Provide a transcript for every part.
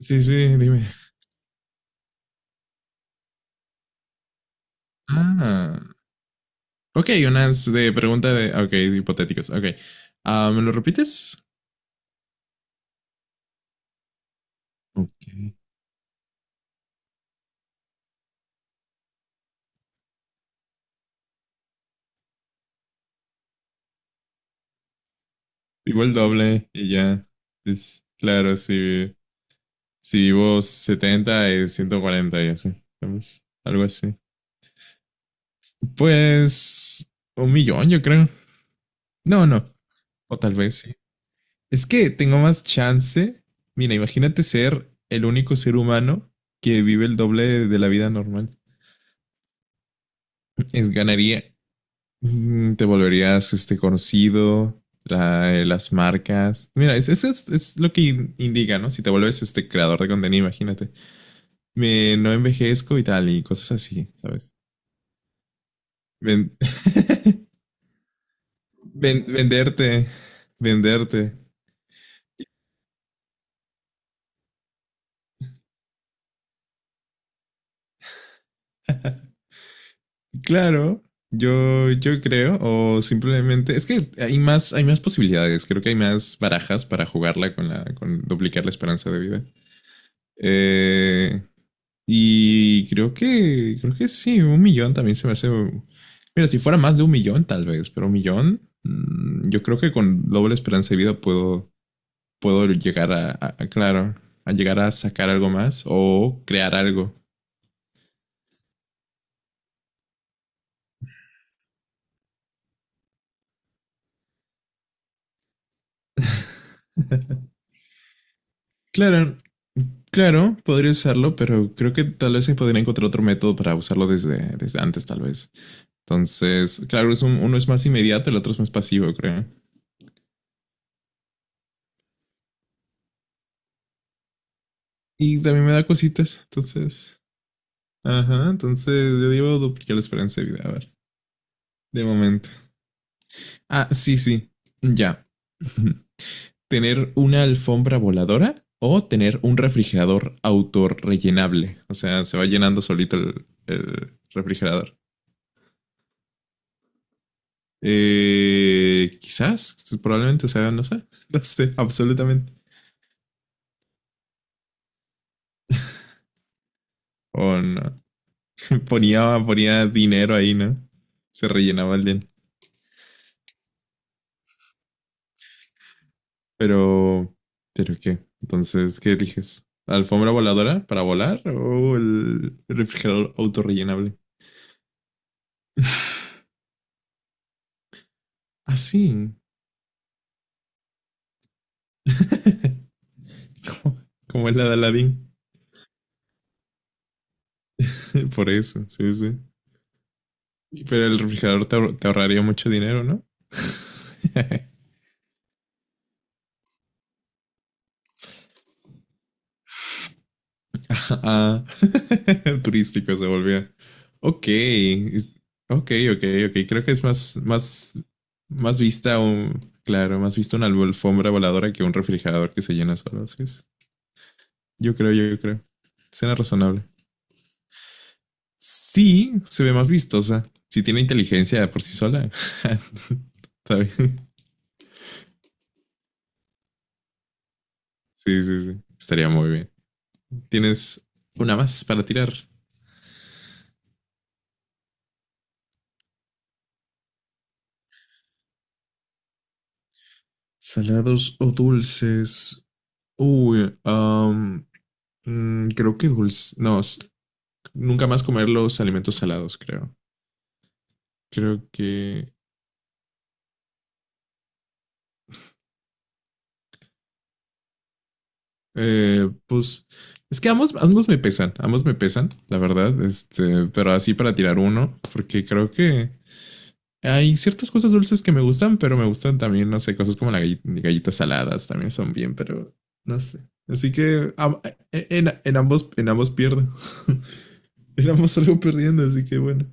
Sí, sí, dime. Ah, ok, unas de pregunta de, ok, hipotéticos, ok. Ah, ¿me lo repites? Ok. Digo el doble y ya. Es, claro, si vivo 70 es 140 y así, ¿sabes? Algo así. Pues 1 millón, yo creo. No, no. O tal vez sí. Es que tengo más chance. Mira, imagínate ser el único ser humano que vive el doble de la vida normal. Es, ganaría, te volverías este, conocido, las marcas. Mira, es lo que indica, ¿no? Si te vuelves este creador de contenido, imagínate. Me, no envejezco y tal, y cosas así, ¿sabes? Ven- venderte, venderte. Claro, yo creo, o simplemente, es que hay más posibilidades, creo que hay más barajas para jugarla con con duplicar la esperanza de vida. Eh, Y creo que sí, 1 millón también se me hace. Mira, si fuera más de 1 millón, tal vez, pero 1 millón, yo creo que con doble esperanza de vida puedo, llegar claro, a llegar a sacar algo más o crear algo. Claro, claro, podría usarlo, pero creo que tal vez se podría encontrar otro método para usarlo desde antes, tal vez. Entonces, claro, es uno es más inmediato, el otro es más pasivo, creo. Y también me da cositas, entonces ajá, entonces yo digo duplicar la esperanza de vida, a ver, de momento. Ah, sí, sí, ya. Ujú. ¿Tener una alfombra voladora o tener un refrigerador autorrellenable? O sea, se va llenando solito el refrigerador. Quizás, probablemente, o sea, no sé, no sé, absolutamente. O no. Ponía, ponía dinero ahí, ¿no? Se rellenaba el día. Pero, ¿Pero qué? Entonces, ¿qué eliges? ¿La alfombra voladora para volar o el refrigerador autorrellenable? Ah, sí. como, como es la de Aladdin. Por eso, sí, sí. Pero el refrigerador te ahorraría mucho dinero, ¿no? ah, turístico se volvía. Ok, ok, ok, ok. Creo que es más vista un, claro, más vista una alfombra voladora que un refrigerador que se llena solo. Sí, sí. Yo creo, yo creo. Suena razonable. Sí, se ve más vistosa. Si tiene inteligencia por sí sola, está bien. Sí, sí, sí. Estaría muy bien. ¿Tienes una más para tirar? Salados o dulces. Uy, creo que dulce. No, nunca más comer los alimentos salados, creo. Creo que, pues, es que ambos me pesan, ambos me pesan, la verdad. Este, pero así para tirar uno, porque creo que hay ciertas cosas dulces que me gustan, pero me gustan también, no sé, cosas como las galletas saladas también son bien, pero no sé. Así que en ambos, en ambos pierdo. En ambos salgo perdiendo, así que bueno.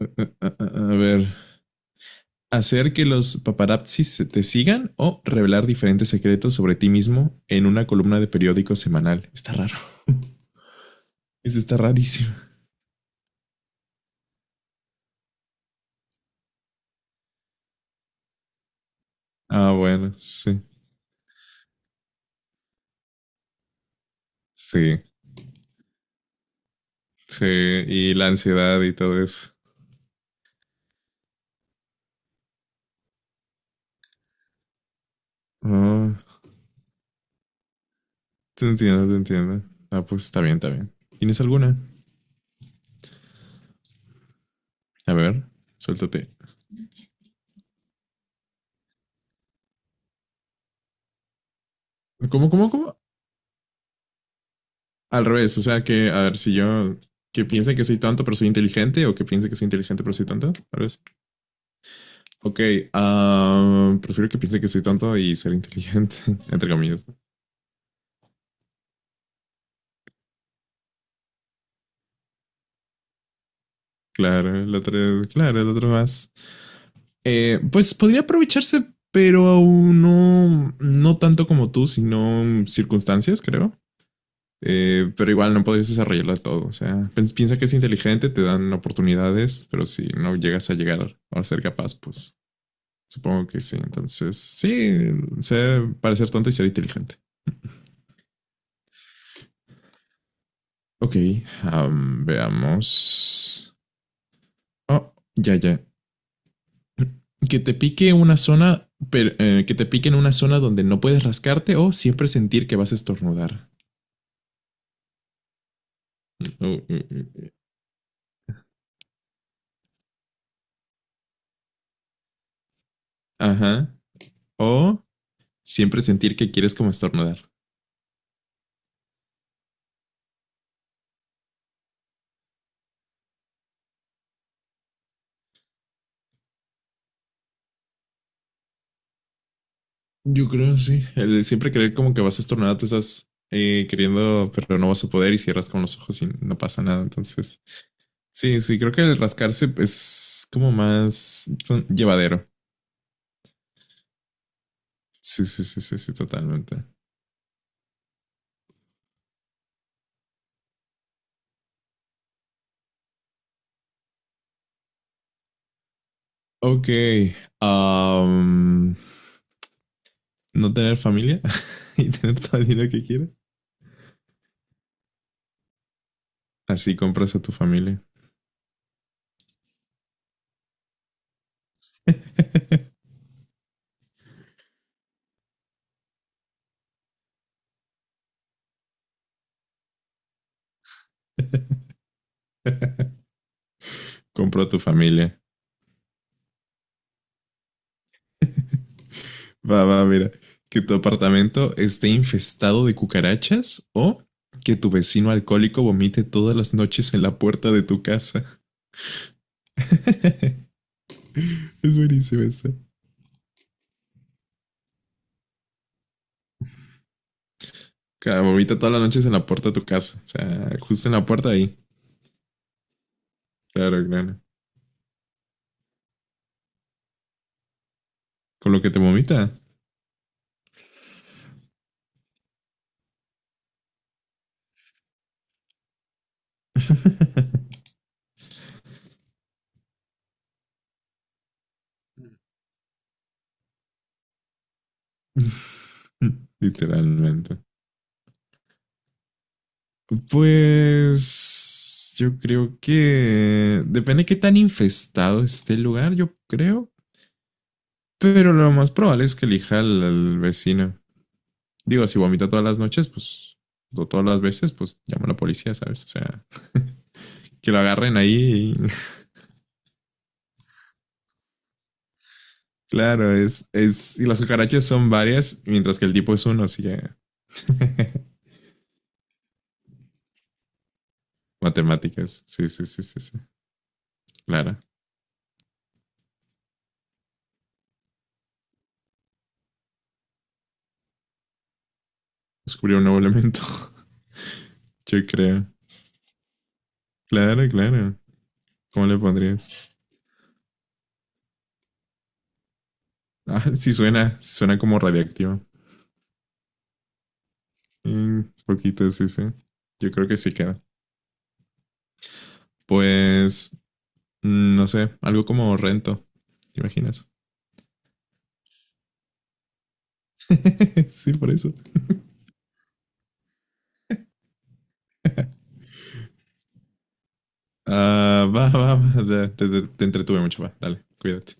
A ver. Hacer que los paparazzis se te sigan o revelar diferentes secretos sobre ti mismo en una columna de periódico semanal. Está raro. Eso está rarísimo. Ah, bueno, sí. Sí. Sí. Y la ansiedad y todo eso. Ah. Te entiendo, te entiendo. Ah, pues está bien, está bien. ¿Tienes alguna? A ver, suéltate. ¿Cómo, cómo, cómo? Al revés, o sea que, a ver, si yo, que piense que soy tonto pero soy inteligente o que piense que soy inteligente pero soy tonto, tal vez. Ok, prefiero que piense que soy tonto y ser inteligente, entre comillas. Claro, el otro, claro, el otro más. Pues podría aprovecharse, pero aún no tanto como tú, sino circunstancias, creo. Pero igual no podrías desarrollarla todo. O sea, piensa que es inteligente, te dan oportunidades, pero si no llegas a llegar a ser capaz, pues supongo que sí. Entonces, sí, sé parecer tonto y ser inteligente. Ok, veamos. Oh, ya, ya. Que te pique una zona, pero, que te pique en una zona donde no puedes rascarte o siempre sentir que vas a estornudar. Oh, mm, mm, mm. Ajá. O siempre sentir que quieres como estornudar. Yo creo, sí. El siempre creer como que vas estornudado te estás queriendo, pero no vas a poder y cierras con los ojos y no pasa nada. Entonces, sí, sí, creo que el rascarse es como más llevadero. Sí, sí, sí, sí, sí, totalmente. Ok. am, no tener familia y tener todo el dinero que quieres. Así compras a tu familia. Compro a tu familia. Va, va, mira. Que tu apartamento esté infestado de cucarachas o que tu vecino alcohólico vomite todas las noches en la puerta de tu casa. Es buenísimo esto. Claro, vomita todas las noches en la puerta de tu casa. O sea, justo en la puerta ahí. Claro, claro. Con lo que te vomita. Literalmente. Pues yo creo que depende de qué tan infestado esté el lugar, yo creo. Pero lo más probable es que elija al vecino. Digo, si vomita todas las noches, pues, o todas las veces, pues llama a la policía, ¿sabes? O sea, que lo agarren ahí. Claro, y las cucarachas son varias, mientras que el tipo es uno, así que. Matemáticas. Sí, sí, sí, sí, sí. Claro. Descubrió un nuevo elemento. Yo creo. Claro, claro. ¿Cómo le pondrías? Ah, sí suena, suena como radiactivo. Un poquito, sí, sí. Yo creo que sí queda. Pues no sé, algo como rento. ¿Te imaginas? Sí, por eso. Ah, va, va, va. Te entretuve mucho, va. Dale, cuídate.